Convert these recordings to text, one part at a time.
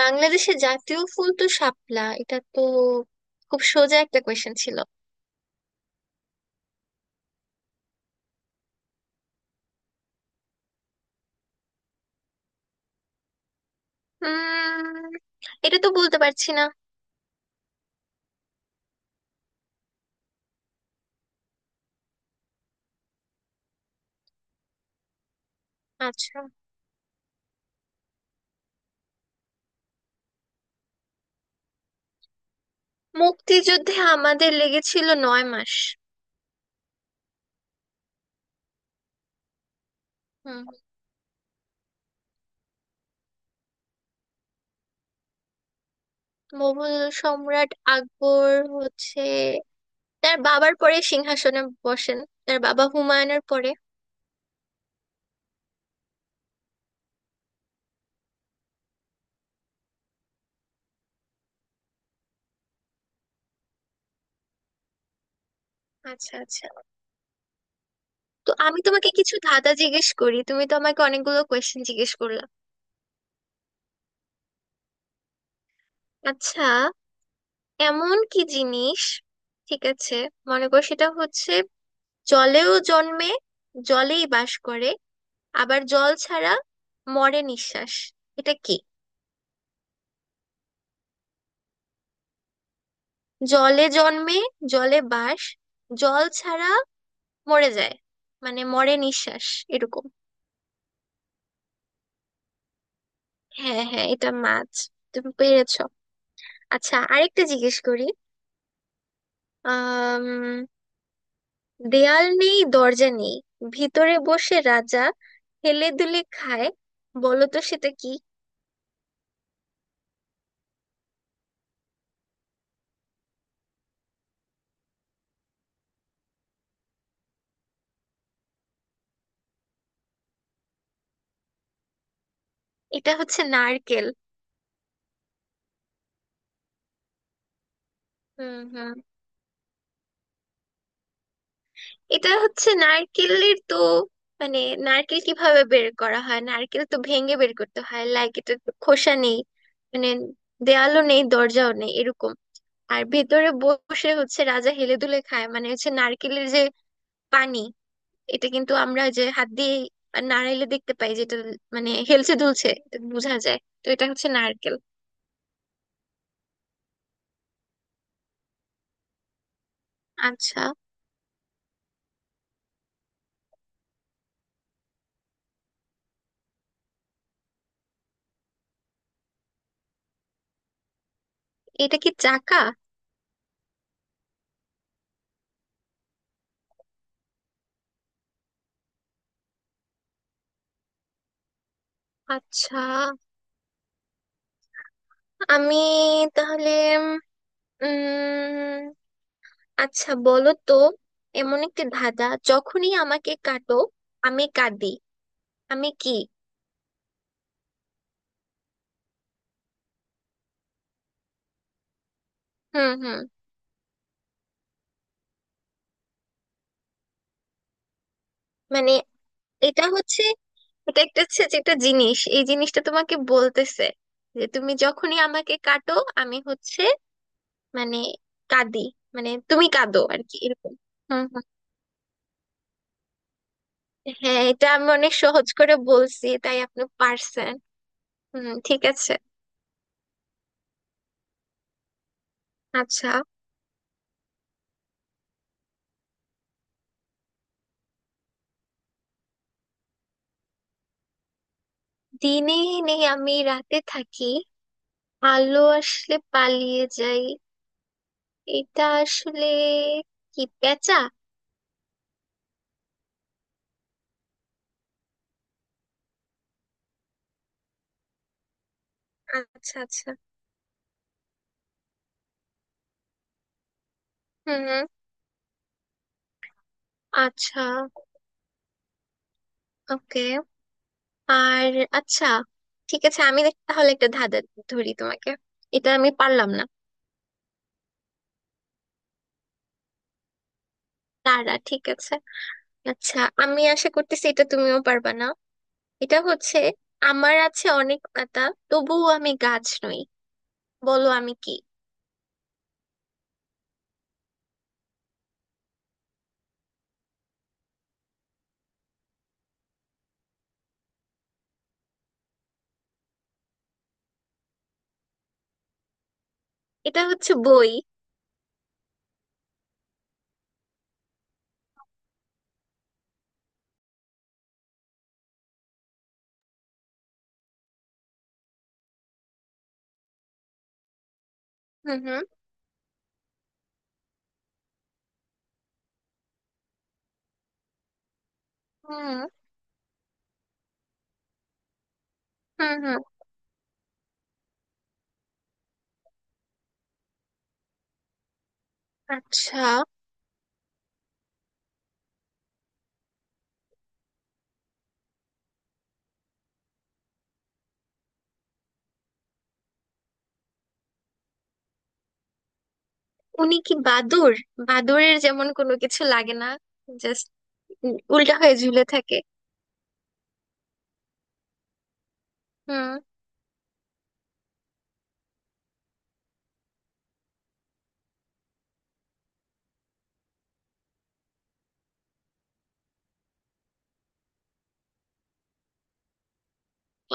বাংলাদেশের জাতীয় ফুল তো শাপলা, এটা তো খুব সোজা একটা কোয়েশ্চেন ছিল। উম এটা তো বলতে পারছি না। আচ্ছা, মুক্তিযুদ্ধে আমাদের লেগেছিল 9 মাস। হুম। মুঘল সম্রাট আকবর হচ্ছে তার বাবার পরে সিংহাসনে বসেন, তার বাবা হুমায়ুনের পরে। আচ্ছা আচ্ছা, তো আমি তোমাকে কিছু ধাঁধা জিজ্ঞেস করি, তুমি তো আমাকে অনেকগুলো কোয়েশ্চেন জিজ্ঞেস করলা। আচ্ছা, এমন কি জিনিস, ঠিক আছে মনে করো সেটা হচ্ছে জলেও জন্মে, জলেই বাস করে, আবার জল ছাড়া মরে নিঃশ্বাস। এটা কি? জলে জন্মে, জলে বাস, জল ছাড়া মরে যায়, মানে মরে নিঃশ্বাস, এরকম। হ্যাঁ হ্যাঁ, এটা মাছ, তুমি পেরেছো। আচ্ছা আরেকটা জিজ্ঞেস করি। আম দেয়াল নেই দরজা নেই, ভিতরে বসে রাজা হেলে দুলে খায়, বলো তো সেটা কি? এটা হচ্ছে নারকেল। হুম হুম এটা হচ্ছে নারকেলের তো, মানে নারকেল কিভাবে বের করা হয়, নারকেল তো ভেঙে বের করতে হয়, লাইক এটা তো খোসা নেই, মানে দেয়ালও নেই দরজাও নেই এরকম, আর ভেতরে বসে হচ্ছে রাজা হেলে দুলে খায় মানে হচ্ছে নারকেলের যে পানি, এটা কিন্তু আমরা যে হাত দিয়ে নাড়াইলে দেখতে পাই যেটা, মানে হেলছে দুলছে এটা বোঝা যায়, তো এটা হচ্ছে নারকেল। আচ্ছা, এটা কি চাকা? আচ্ছা, আমি তাহলে উম আচ্ছা বলো তো, এমন একটি ধাঁধা, যখনই আমাকে কাটো আমি কাঁদি, আমি কি? হুম হুম মানে এটা হচ্ছে, এটা একটা হচ্ছে যে একটা জিনিস, এই জিনিসটা তোমাকে বলতেছে যে তুমি যখনই আমাকে কাটো আমি হচ্ছে মানে কাঁদি, মানে তুমি কাঁদো আর কি এরকম। হুম হুম হ্যাঁ, এটা আমি অনেক সহজ করে বলছি তাই আপনি পারছেন। হুম, ঠিক আছে। আচ্ছা। দিনে নেই আমি, রাতে থাকি, আলো আসলে পালিয়ে যাই, এটা আসলে কি পেঁচা? আচ্ছা আচ্ছা। হুম হুম, আচ্ছা, ওকে। আর আচ্ছা, ঠিক আছে আমি তাহলে একটা ধাঁধা ধরি তোমাকে, এটা আমি পারলাম না। তারা, ঠিক আছে। আচ্ছা, আমি আশা করতেছি এটা তুমিও পারবা না। এটা হচ্ছে, আমার আছে অনেক পাতা, তবুও আমি গাছ নই, বলো আমি কি? এটা হচ্ছে বই। হুম হুম হুম হুম হুম আচ্ছা, উনি কি বাদুড়? বাদুড়ের যেমন কোনো কিছু লাগে না, জাস্ট উল্টা হয়ে ঝুলে থাকে। হুম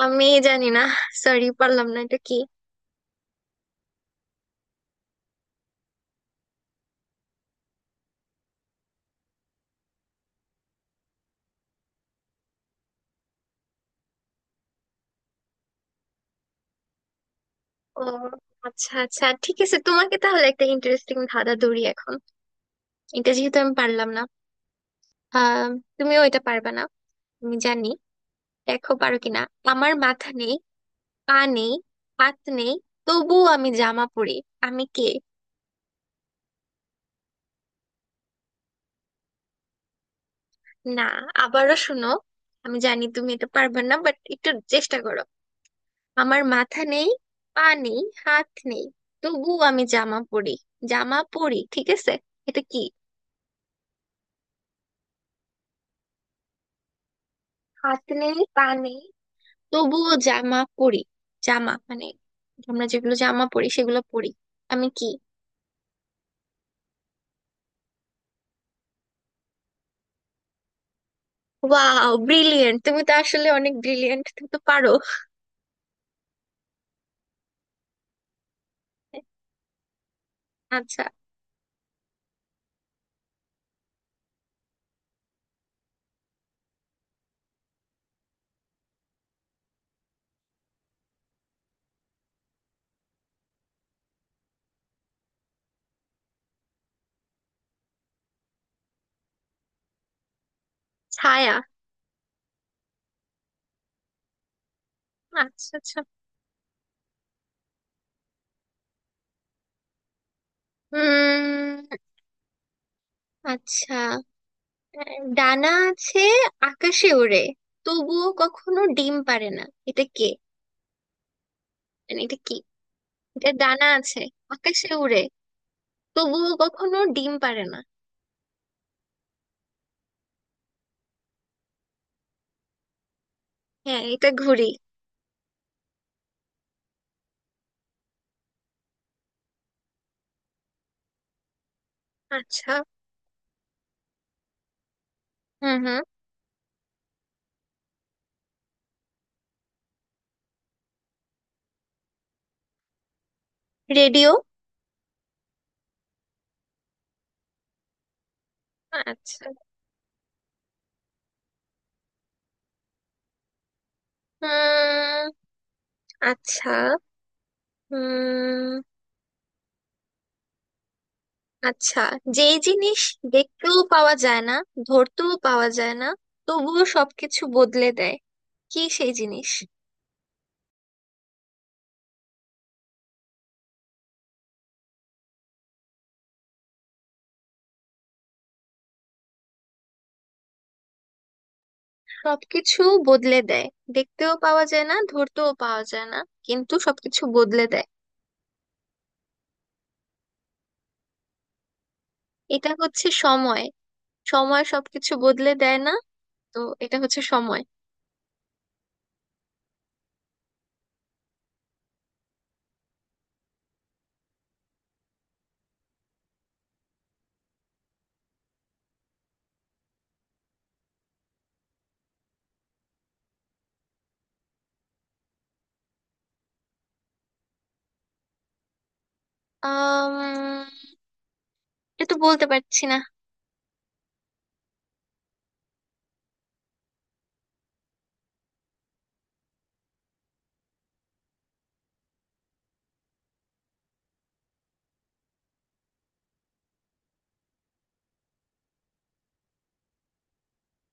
আমি জানি না, সরি পারলাম না, এটা কি? ও, আচ্ছা আচ্ছা, ঠিক আছে তোমাকে তাহলে একটা ইন্টারেস্টিং ধাঁধা ধরি এখন। এটা যেহেতু আমি পারলাম না, আহ তুমিও এটা পারবে না আমি জানি, দেখো পারো কিনা। আমার মাথা নেই, পা নেই, হাত নেই, তবুও আমি জামা পরি, আমি কে? না, আবারও শোনো, আমি জানি তুমি এটা পারবে না বাট একটু চেষ্টা করো। আমার মাথা নেই, পা নেই, হাত নেই, তবু আমি জামা পরি। জামা পরি, ঠিক আছে, এটা কি? হাত নেই পা নেই তবুও জামা পরি, জামা মানে আমরা যেগুলো জামা পরি সেগুলো পরি। আমি কি? ওয়াও, ব্রিলিয়েন্ট, তুমি তো আসলে অনেক ব্রিলিয়েন্ট, তুমি তো পারো। আচ্ছা। ছায়া। আচ্ছা আচ্ছা। উম আচ্ছা, ডানা আছে, আকাশে ওড়ে, তবুও কখনো ডিম পারে না, এটা কে, মানে এটা কি? এটা ডানা আছে, আকাশে উড়ে, তবুও কখনো ডিম পারে না। হ্যাঁ এটা ঘুড়ি। আচ্ছা। হুম হুম রেডিও। আচ্ছা। হুম আচ্ছা। হুম আচ্ছা, যেই জিনিস দেখতেও পাওয়া যায় না, ধরতেও পাওয়া যায় না, তবুও সবকিছু বদলে দেয়, কি সেই জিনিস? সবকিছু বদলে দেয়, দেখতেও পাওয়া যায় না ধরতেও পাওয়া যায় না, কিন্তু সবকিছু বদলে দেয়। এটা হচ্ছে সময়, সময় সবকিছু বদলে দেয় না, তো এটা হচ্ছে সময়। আম, এটা বলতে পারছি না।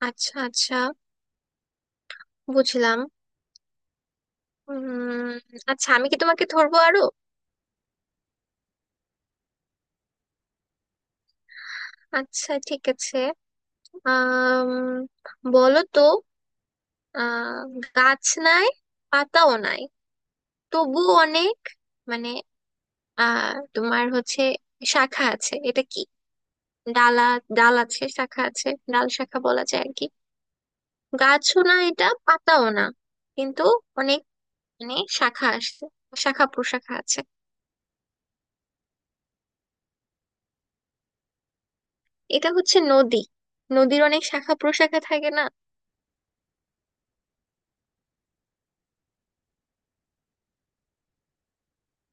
আচ্ছা আচ্ছা, বুঝলাম। উম আচ্ছা আমি কি তোমাকে ধরবো আরো? আচ্ছা ঠিক আছে। আম বলো তো, আহ গাছ নাই, পাতাও নাই, তবু অনেক, মানে, আহ তোমার হচ্ছে শাখা আছে, এটা কি? ডালা, ডাল আছে, শাখা আছে, ডাল শাখা বলা যায় আর কি। গাছও না এটা, পাতাও না, কিন্তু অনেক, মানে, শাখা আসছে, শাখা প্রশাখা আছে। এটা হচ্ছে নদী, নদীর অনেক শাখা প্রশাখা থাকে না।